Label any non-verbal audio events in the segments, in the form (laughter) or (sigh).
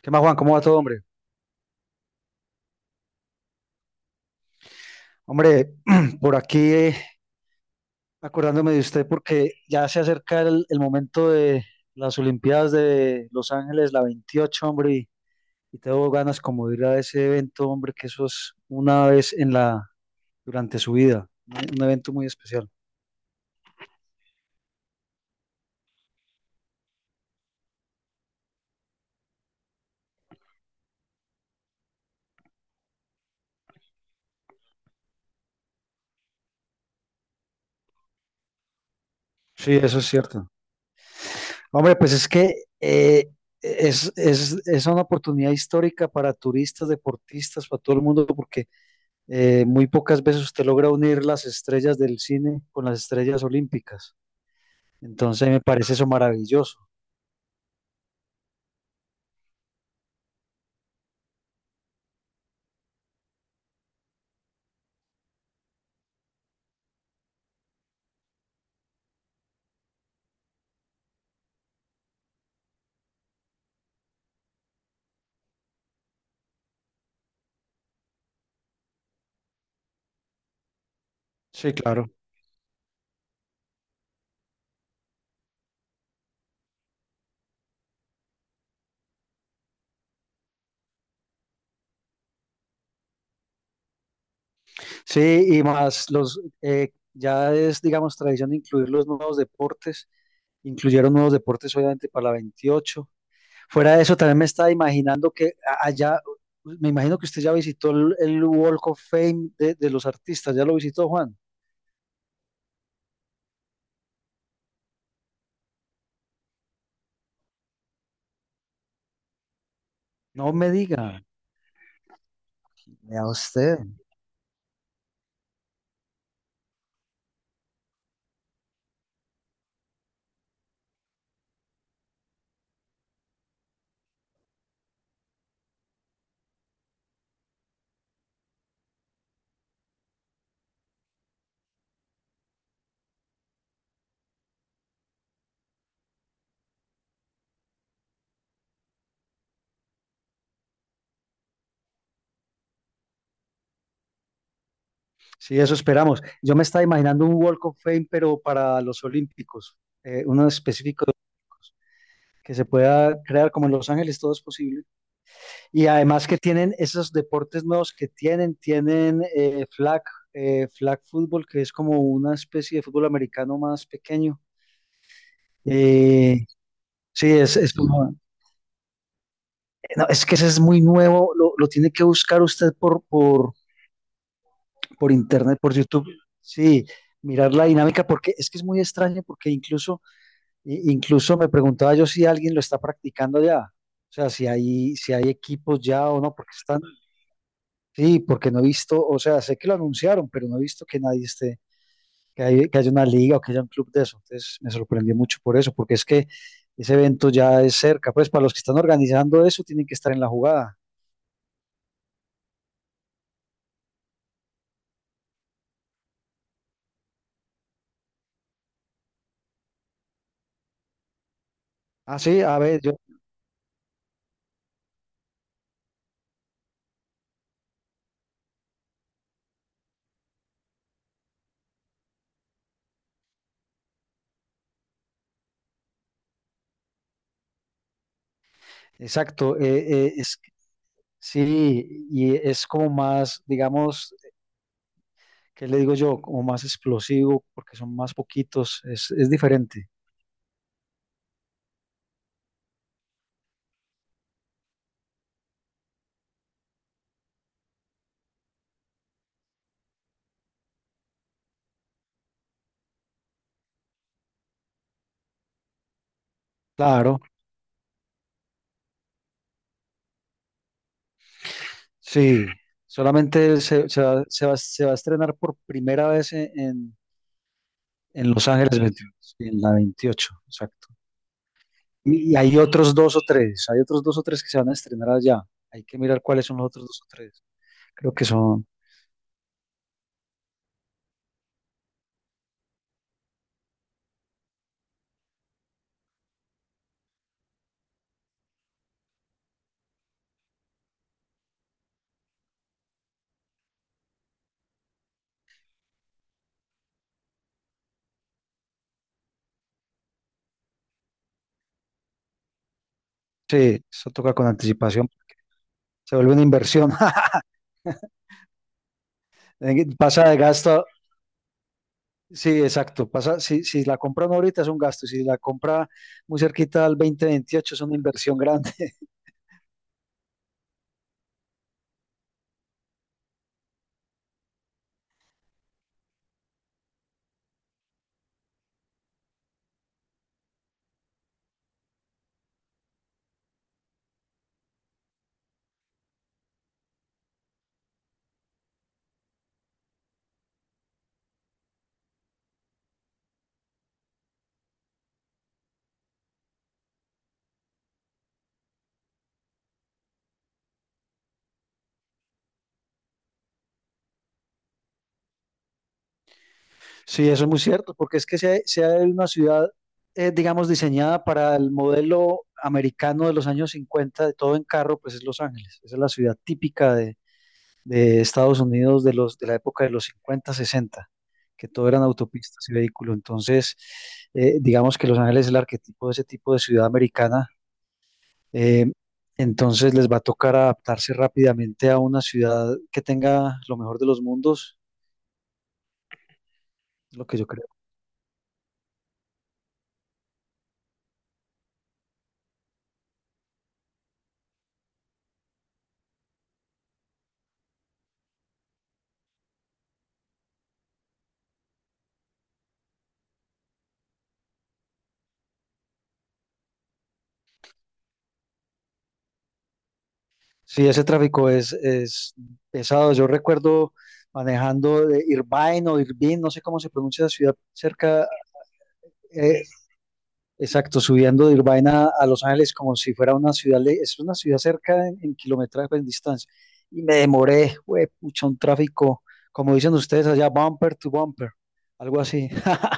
¿Qué más, Juan? ¿Cómo va todo, hombre? Hombre, (clears throat) por aquí acordándome de usted porque ya se acerca el momento de las Olimpiadas de Los Ángeles, la 28, hombre, y tengo ganas como de ir a ese evento, hombre, que eso es una vez en la, durante su vida, un evento muy especial. Sí, eso es cierto. Hombre, pues es que eh, es una oportunidad histórica para turistas, deportistas, para todo el mundo, porque muy pocas veces usted logra unir las estrellas del cine con las estrellas olímpicas. Entonces me parece eso maravilloso. Sí, claro. Sí, y más los, ya es, digamos, tradición incluir los nuevos deportes. Incluyeron nuevos deportes, obviamente, para la 28. Fuera de eso, también me estaba imaginando que allá, me imagino que usted ya visitó el Walk of Fame de los artistas. ¿Ya lo visitó, Juan? No me diga. Vea usted. Sí, eso esperamos. Yo me estaba imaginando un Walk of Fame, pero para los Olímpicos, uno específico de Olímpicos, que se pueda crear como en Los Ángeles, todo es posible. Y además que tienen esos deportes nuevos que tienen flag, flag fútbol, que es como una especie de fútbol americano más pequeño. Eh, sí, es, es como- no, es que ese es muy nuevo, lo tiene que buscar usted por internet, por YouTube. Sí, mirar la dinámica, porque es que es muy extraño, porque incluso incluso me preguntaba yo si alguien lo está practicando ya, o sea, si hay equipos ya o no, porque están, sí, porque no he visto, o sea, sé que lo anunciaron, pero no he visto que nadie esté, que haya una liga o que haya un club de eso. Entonces me sorprendió mucho por eso, porque es que ese evento ya es cerca, pues para los que están organizando eso tienen que estar en la jugada. Ah, sí, a ver, yo, exacto, es, sí, y es como más, digamos, ¿qué le digo yo? Como más explosivo, porque son más poquitos, es diferente. Claro, sí. Solamente se va a estrenar por primera vez en Los Ángeles 21, sí, en la 28, exacto. Y hay otros dos o tres, hay otros dos o tres que se van a estrenar allá. Hay que mirar cuáles son los otros dos o tres. Creo que son, sí, eso toca con anticipación. Se vuelve una inversión. (laughs) Pasa de gasto, sí, exacto. Pasa, si, si la compran ahorita es un gasto, si la compra muy cerquita al 2028 es una inversión grande. Sí, eso es muy cierto, porque es que sea, sea una ciudad, digamos, diseñada para el modelo americano de los años 50, de todo en carro, pues es Los Ángeles. Esa es la ciudad típica de Estados Unidos de los, de la época de los 50 60, que todo eran autopistas y vehículos. Entonces, digamos que Los Ángeles es el arquetipo de ese tipo de ciudad americana. eh, entonces les va a tocar adaptarse rápidamente a una ciudad que tenga lo mejor de los mundos, lo que yo creo. Sí, ese tráfico es pesado. Yo recuerdo manejando de Irvine o Irvine, no sé cómo se pronuncia la ciudad cerca, eh, exacto, subiendo de Irvine a Los Ángeles como si fuera una ciudad, es una ciudad cerca en kilometraje, pues, en distancia. Y me demoré, güey, pucha, un tráfico, como dicen ustedes allá, bumper to bumper, algo así. (laughs)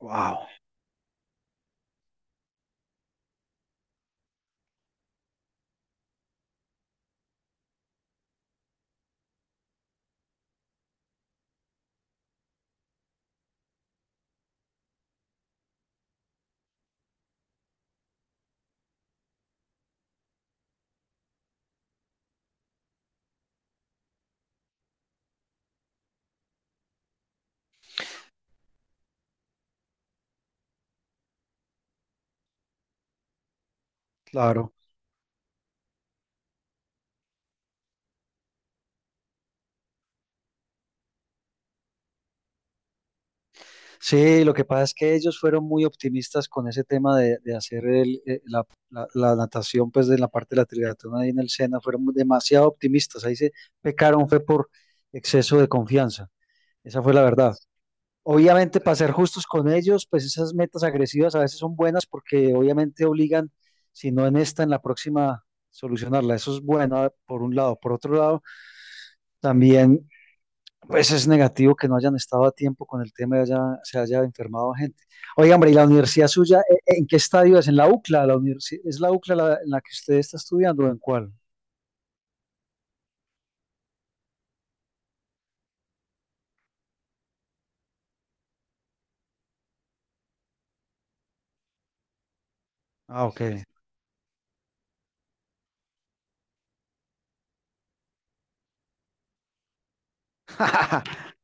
Wow. Claro. Sí, lo que pasa es que ellos fueron muy optimistas con ese tema de hacer la natación, pues de la parte de la triatlón ahí en el Sena, fueron demasiado optimistas. Ahí se pecaron, fue por exceso de confianza. Esa fue la verdad. Obviamente, para ser justos con ellos, pues esas metas agresivas a veces son buenas porque obviamente obligan, si no en esta, en la próxima, solucionarla. Eso es bueno, ah, por un lado. Por otro lado, también pues es negativo que no hayan estado a tiempo con el tema y se haya enfermado gente. Oiga, hombre, ¿y la universidad suya en qué estadio es? ¿En la UCLA? ¿Es la UCLA en la que usted está estudiando o en cuál? Ah, ok. (laughs)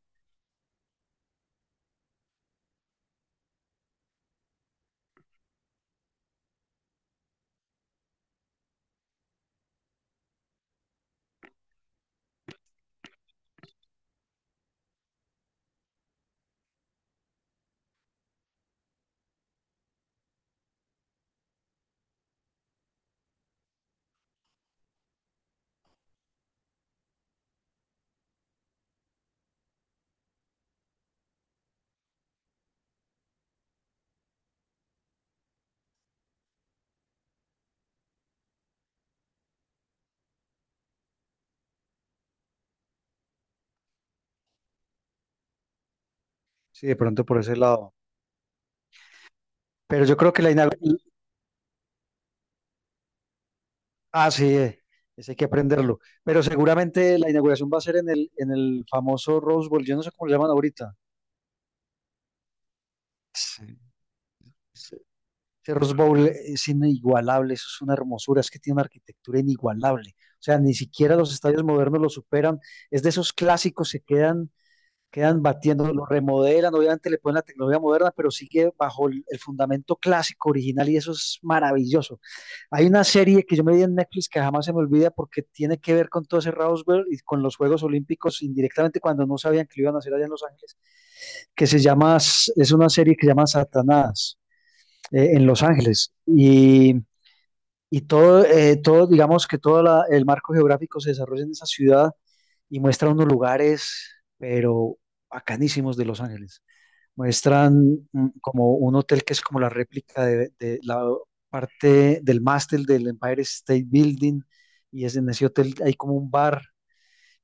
Sí, de pronto por ese lado. Pero yo creo que la inauguración... Ah, sí, ese hay que aprenderlo. Pero seguramente la inauguración va a ser en el famoso Rose Bowl. Yo no sé cómo le llaman ahorita. Sí. Ese Rose Bowl es inigualable, eso es una hermosura, es que tiene una arquitectura inigualable. O sea, ni siquiera los estadios modernos lo superan. Es de esos clásicos se quedan, quedan batiendo, lo remodelan, obviamente le ponen la tecnología moderna, pero sigue bajo el fundamento clásico original y eso es maravilloso. Hay una serie que yo me vi en Netflix que jamás se me olvida porque tiene que ver con todo ese Roswell y con los Juegos Olímpicos indirectamente cuando no sabían que lo iban a hacer allá en Los Ángeles, que se llama, es una serie que se llama Satanás en Los Ángeles. Y todo, todo, digamos que todo el marco geográfico se desarrolla en esa ciudad y muestra unos lugares, pero bacanísimos de Los Ángeles. Muestran como un hotel que es como la réplica de la parte del mástil del Empire State Building y es en ese hotel hay como un bar.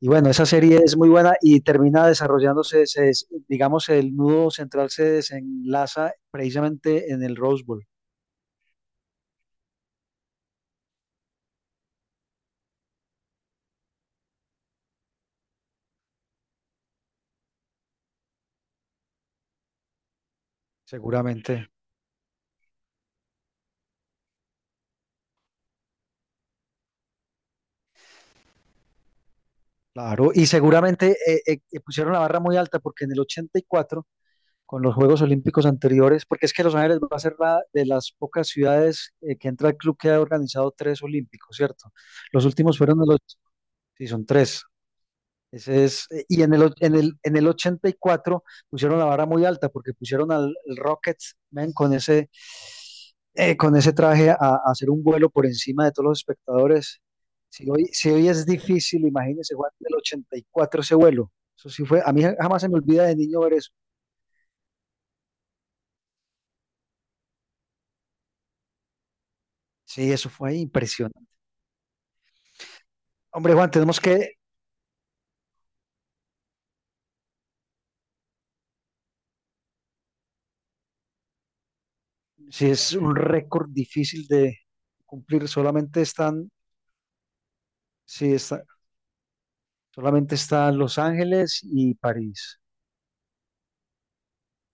Y bueno, esa serie es muy buena y termina desarrollándose, digamos, el nudo central se desenlaza precisamente en el Rose Bowl, seguramente. Claro, y seguramente pusieron la barra muy alta porque en el 84 con los Juegos Olímpicos anteriores, porque es que Los Ángeles va a ser la de las pocas ciudades que entra el club que ha organizado tres olímpicos, ¿cierto? Los últimos fueron de los, sí, son tres, ese es, y en en el 84 pusieron la vara muy alta porque pusieron al Rockets man, con ese traje a hacer un vuelo por encima de todos los espectadores. Si hoy es difícil, imagínense Juan, del 84 ese vuelo. Eso sí fue, a mí jamás se me olvida de niño ver eso. Sí, eso fue impresionante. Hombre, Juan, tenemos que, si es un récord difícil de cumplir, solamente están, si está, solamente están Los Ángeles y París.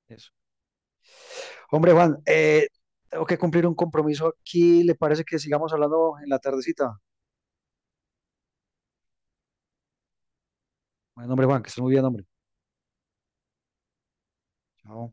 Eso... Hombre, Juan, tengo que cumplir un compromiso aquí. ¿Le parece que sigamos hablando en la tardecita? Bueno, hombre, Juan, que estés muy bien, hombre. Chao.